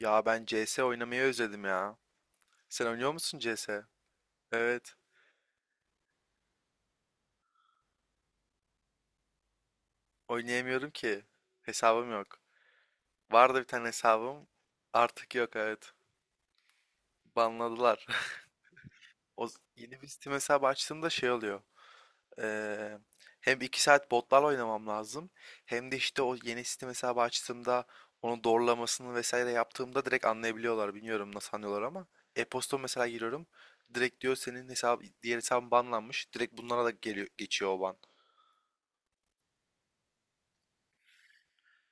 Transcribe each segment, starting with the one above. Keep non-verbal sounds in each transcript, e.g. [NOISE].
Ya ben CS oynamayı özledim ya. Sen oynuyor musun CS? Evet. Oynayamıyorum ki. Hesabım yok. Vardı bir tane hesabım. Artık yok, evet. Banladılar. [LAUGHS] Yeni bir Steam hesabı açtığımda şey oluyor. Eee, hem 2 saat botlarla oynamam lazım. Hem de işte o yeni Steam hesabı açtığımda onu doğrulamasını vesaire yaptığımda direkt anlayabiliyorlar. Bilmiyorum nasıl anlıyorlar ama. E-posta mesela giriyorum. Direkt diyor senin hesap diğer hesabın banlanmış. Direkt bunlara da geliyor, geçiyor o ban.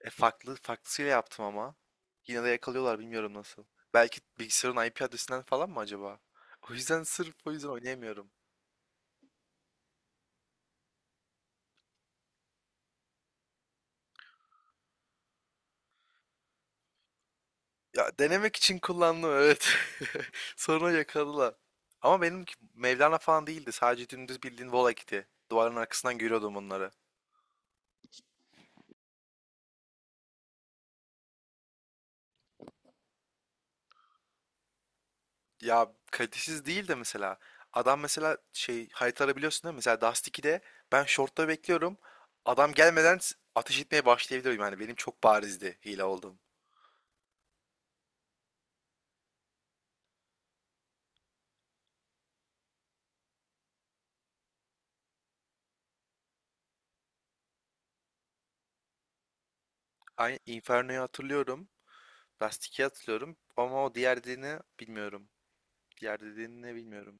E farklı farklısıyla yaptım ama. Yine de yakalıyorlar, bilmiyorum nasıl. Belki bilgisayarın IP adresinden falan mı acaba? O yüzden, sırf o yüzden oynayamıyorum. Ya, denemek için kullandım, evet. [LAUGHS] Sonra yakaladılar. Ama benimki Mevlana falan değildi. Sadece dümdüz bildiğin Volakit'i. Duvarın arkasından görüyordum onları. Ya, kalitesiz değil de mesela. Adam mesela şey harita arabiliyorsun değil mi? Mesela Dust 2'de ben short'ta bekliyorum. Adam gelmeden ateş etmeye başlayabiliyorum. Yani benim çok barizdi hile olduğum. Ay, Inferno'yu hatırlıyorum. Rusty'yi hatırlıyorum. Ama o diğer dediğini bilmiyorum. Diğer dediğini ne bilmiyorum.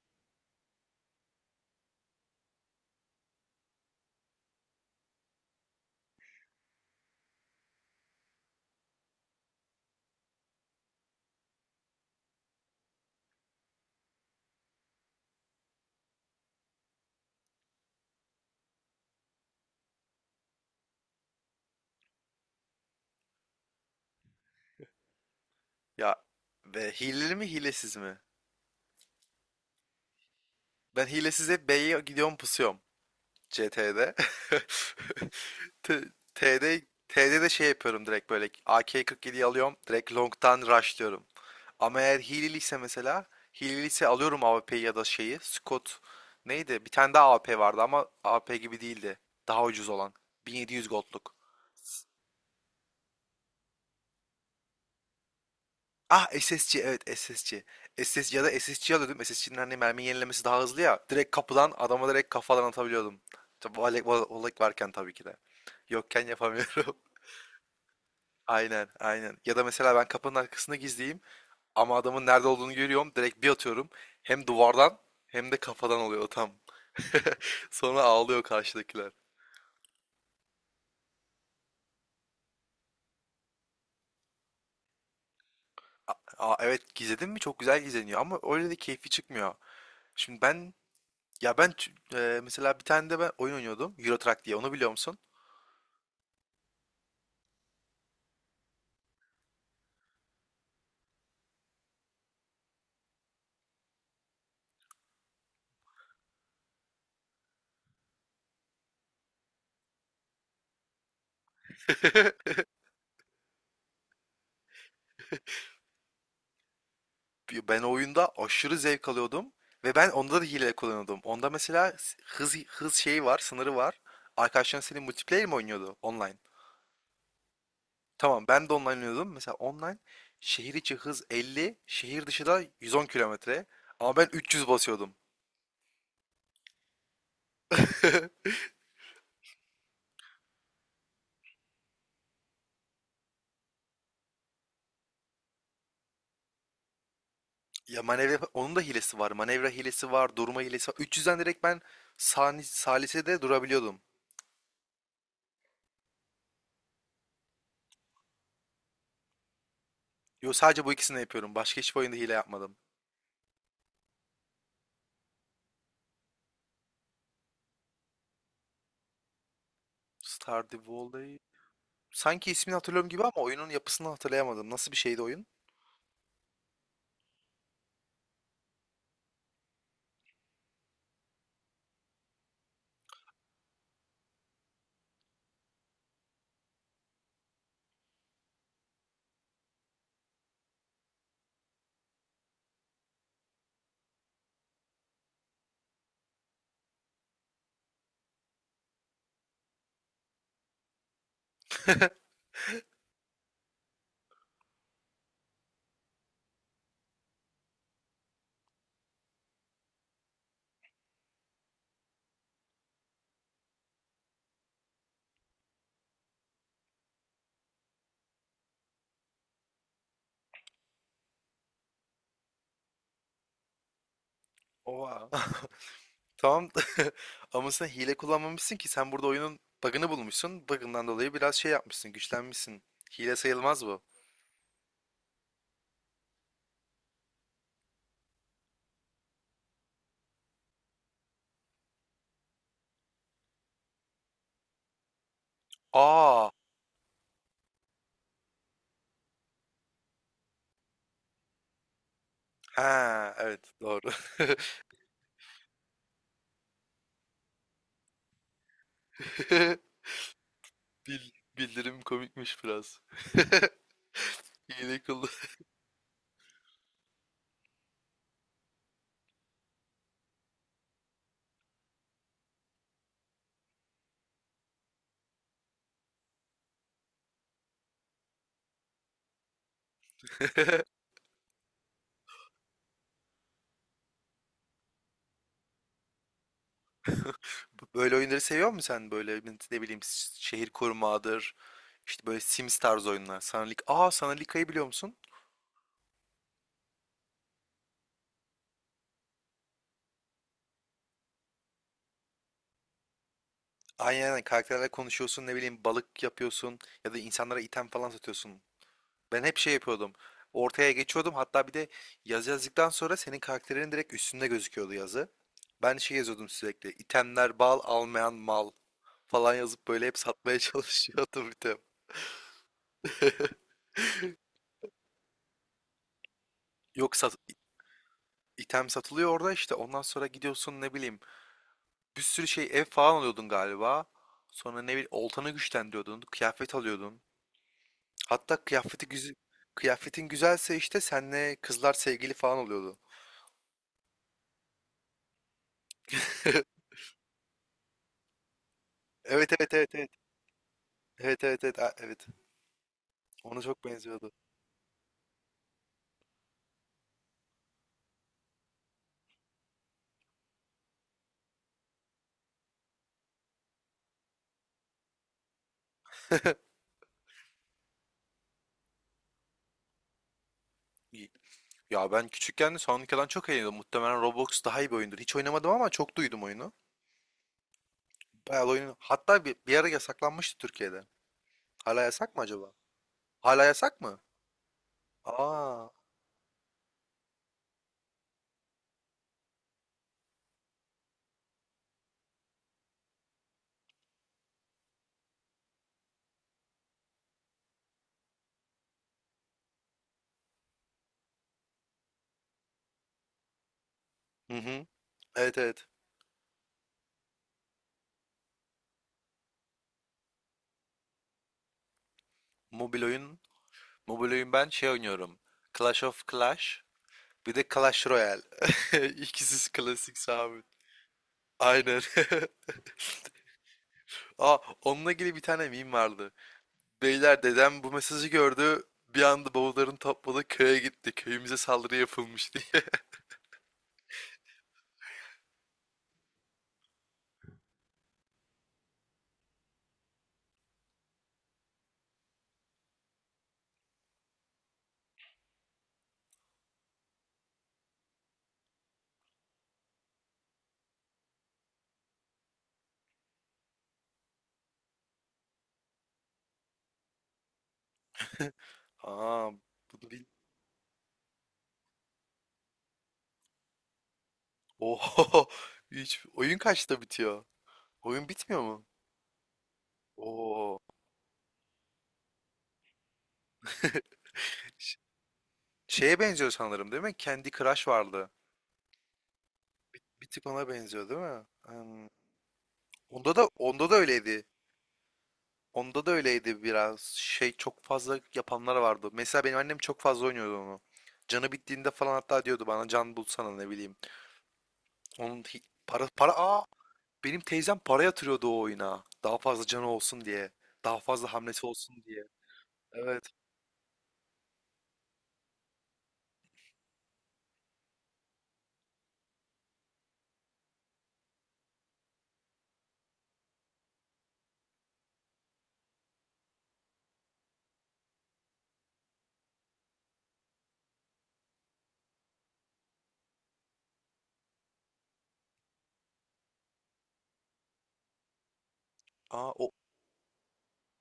Ya, ve hileli mi hilesiz mi? Ben hilesiz hep B'ye gidiyorum, pusuyorum. C T'de, [LAUGHS] T- T'de T'de de şey yapıyorum, direkt böyle AK-47'yi alıyorum. Direkt long'tan rushlıyorum. Ama eğer hileliyse mesela hileliyse alıyorum AWP'yi ya da şeyi. Scott neydi? Bir tane daha A W P vardı ama A W P gibi değildi. Daha ucuz olan. 1700 gold'luk. Ah, SSC, evet SSC. SSC ya da SSC alıyordum. SSC'nin hani mermi yenilemesi daha hızlı ya. Direkt kapıdan adama direkt kafadan atabiliyordum. Tabii olek varken tabii ki de. Yokken yapamıyorum. [LAUGHS] Aynen, aynen. Ya da mesela ben kapının arkasında gizleyeyim ama adamın nerede olduğunu görüyorum. Direkt bir atıyorum. Hem duvardan hem de kafadan oluyor tam. [LAUGHS] Sonra ağlıyor karşıdakiler. Aa, evet, gizledin mi çok güzel gizleniyor ama öyle de keyfi çıkmıyor. Şimdi ben, ya ben ç- mesela bir tane de ben oyun oynuyordum. Euro Truck diye, onu biliyor musun? Ben oyunda aşırı zevk alıyordum ve ben onda da hile kullanıyordum. Onda mesela hız şeyi var, sınırı var. Arkadaşların senin multiplayer mi oynuyordu online? Tamam, ben de online oynuyordum. Mesela online şehir içi hız 50, şehir dışı da 110 kilometre. Ama ben 300 basıyordum. [LAUGHS] Ya, manevra onun da hilesi var. Manevra hilesi var, durma hilesi var. 300'den direkt ben sani, salise de durabiliyordum. Yo, sadece bu ikisini yapıyorum. Başka hiçbir oyunda hile yapmadım. Stardew Valley. Sanki ismini hatırlıyorum gibi ama oyunun yapısını hatırlayamadım. Nasıl bir şeydi oyun? Oha. [LAUGHS] Tamam. [LAUGHS] Ama sen hile kullanmamışsın ki. Sen burada oyunun bug'ını bulmuşsun. Bug'ından dolayı biraz şey yapmışsın. Güçlenmişsin. Hile sayılmaz bu. Aa. Ha, evet, doğru. [LAUGHS] Bil- bildirim komikmiş biraz. [LAUGHS] Hile kullan. [LAUGHS] Böyle oyunları seviyor musun sen? Böyle, ne bileyim, şehir kurmadır. İşte böyle Sims tarzı oyunlar. Sanalik. Aa, Sanalika'yı biliyor musun? Aynen, aynen. Karakterlerle konuşuyorsun, ne bileyim balık yapıyorsun ya da insanlara item falan satıyorsun. Ben hep şey yapıyordum. Ortaya geçiyordum, hatta bir de yazı yazdıktan sonra senin karakterinin direkt üstünde gözüküyordu yazı. Ben şey yazıyordum sürekli, itemler bal almayan mal falan yazıp böyle hep satmaya [LAUGHS] çalışıyordum item. [LAUGHS] Yok, sat... Item satılıyor orada işte, ondan sonra gidiyorsun ne bileyim bir sürü şey, ev falan alıyordun galiba. Sonra ne bileyim oltanı güçlendiriyordun, kıyafet alıyordun. Hatta kıyafeti güzel, kıyafetin güzelse işte senle kızlar sevgili falan oluyordu. [LAUGHS] Evet, evet, evet, evet. Evet, evet, evet, evet. Ona çok benziyordu. İyi. Ya ben küçükken de Sonic'den çok eğleniyordum. Muhtemelen Roblox daha iyi bir oyundur. Hiç oynamadım ama çok duydum oyunu. Bayağı da oyunu. Hatta bir ara yasaklanmıştı Türkiye'de. Hala yasak mı acaba? Hala yasak mı? Aa. Hı hı. Evet, evet. Mobil oyun. Mobil oyun, ben şey oynuyorum. Clash of Clash. Bir de Clash Royale. [LAUGHS] İkisi klasik abi. Aynen. [LAUGHS] Aa, onunla ilgili bir tane meme vardı. Beyler, dedem bu mesajı gördü. Bir anda bavullarını topladı, köye gitti. Köyümüze saldırı yapılmış diye. [LAUGHS] Aa, bunu bil. Oho. [LAUGHS] Hiç... Oyun kaçta bitiyor? Oyun bitmiyor mu? Oo. [LAUGHS] Ş- Şeye benziyor sanırım değil mi? Candy Crush vardı. Bir tık ona benziyor değil mi? Hmm. Onda da öyleydi. Onda da öyleydi biraz. Şey, çok fazla yapanlar vardı. Mesela benim annem çok fazla oynuyordu onu. Canı bittiğinde falan hatta diyordu bana can bulsana, ne bileyim. Onun para benim teyzem para yatırıyordu o oyuna. Daha fazla canı olsun diye. Daha fazla hamlesi olsun diye. Evet. Aa, o.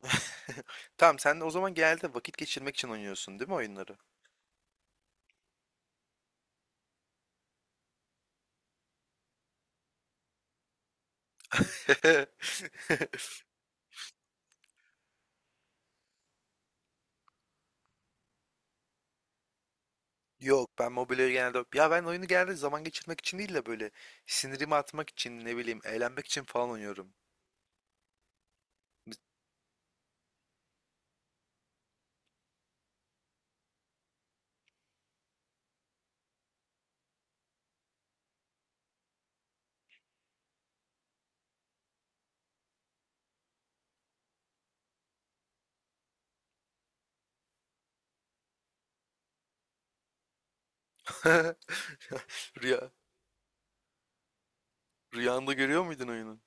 [LAUGHS] Tamam, sen o zaman genelde vakit geçirmek için oynuyorsun değil mi oyunları? [LAUGHS] Yok, ben mobilyayı genelde, ya, ben oyunu genelde zaman geçirmek için değil de böyle sinirimi atmak için, ne bileyim eğlenmek için falan oynuyorum. [LAUGHS] Rüya, rüyanda görüyor muydun oyunu?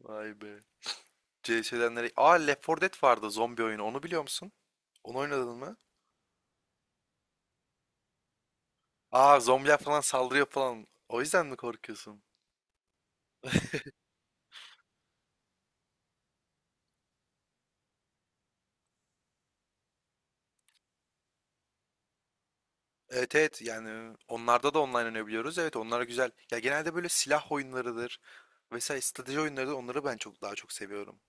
Vay be. CS'den nereye? Aa, Left 4 Dead vardı, zombi oyunu. Onu biliyor musun? Onu oynadın mı? Aa, zombiler falan saldırıyor falan. O yüzden mi korkuyorsun? Evet, evet, yani onlarda da online oynayabiliyoruz. Evet, onlar güzel. Ya, genelde böyle silah oyunlarıdır. Vesaire strateji oyunlarıdır. Onları ben çok daha çok seviyorum.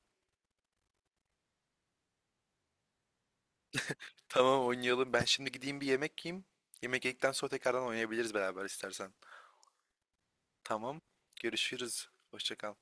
Tamam, oynayalım. Ben şimdi gideyim bir yemek yiyeyim. Yemek yedikten sonra tekrardan oynayabiliriz beraber istersen. Tamam. Görüşürüz. Hoşça kal.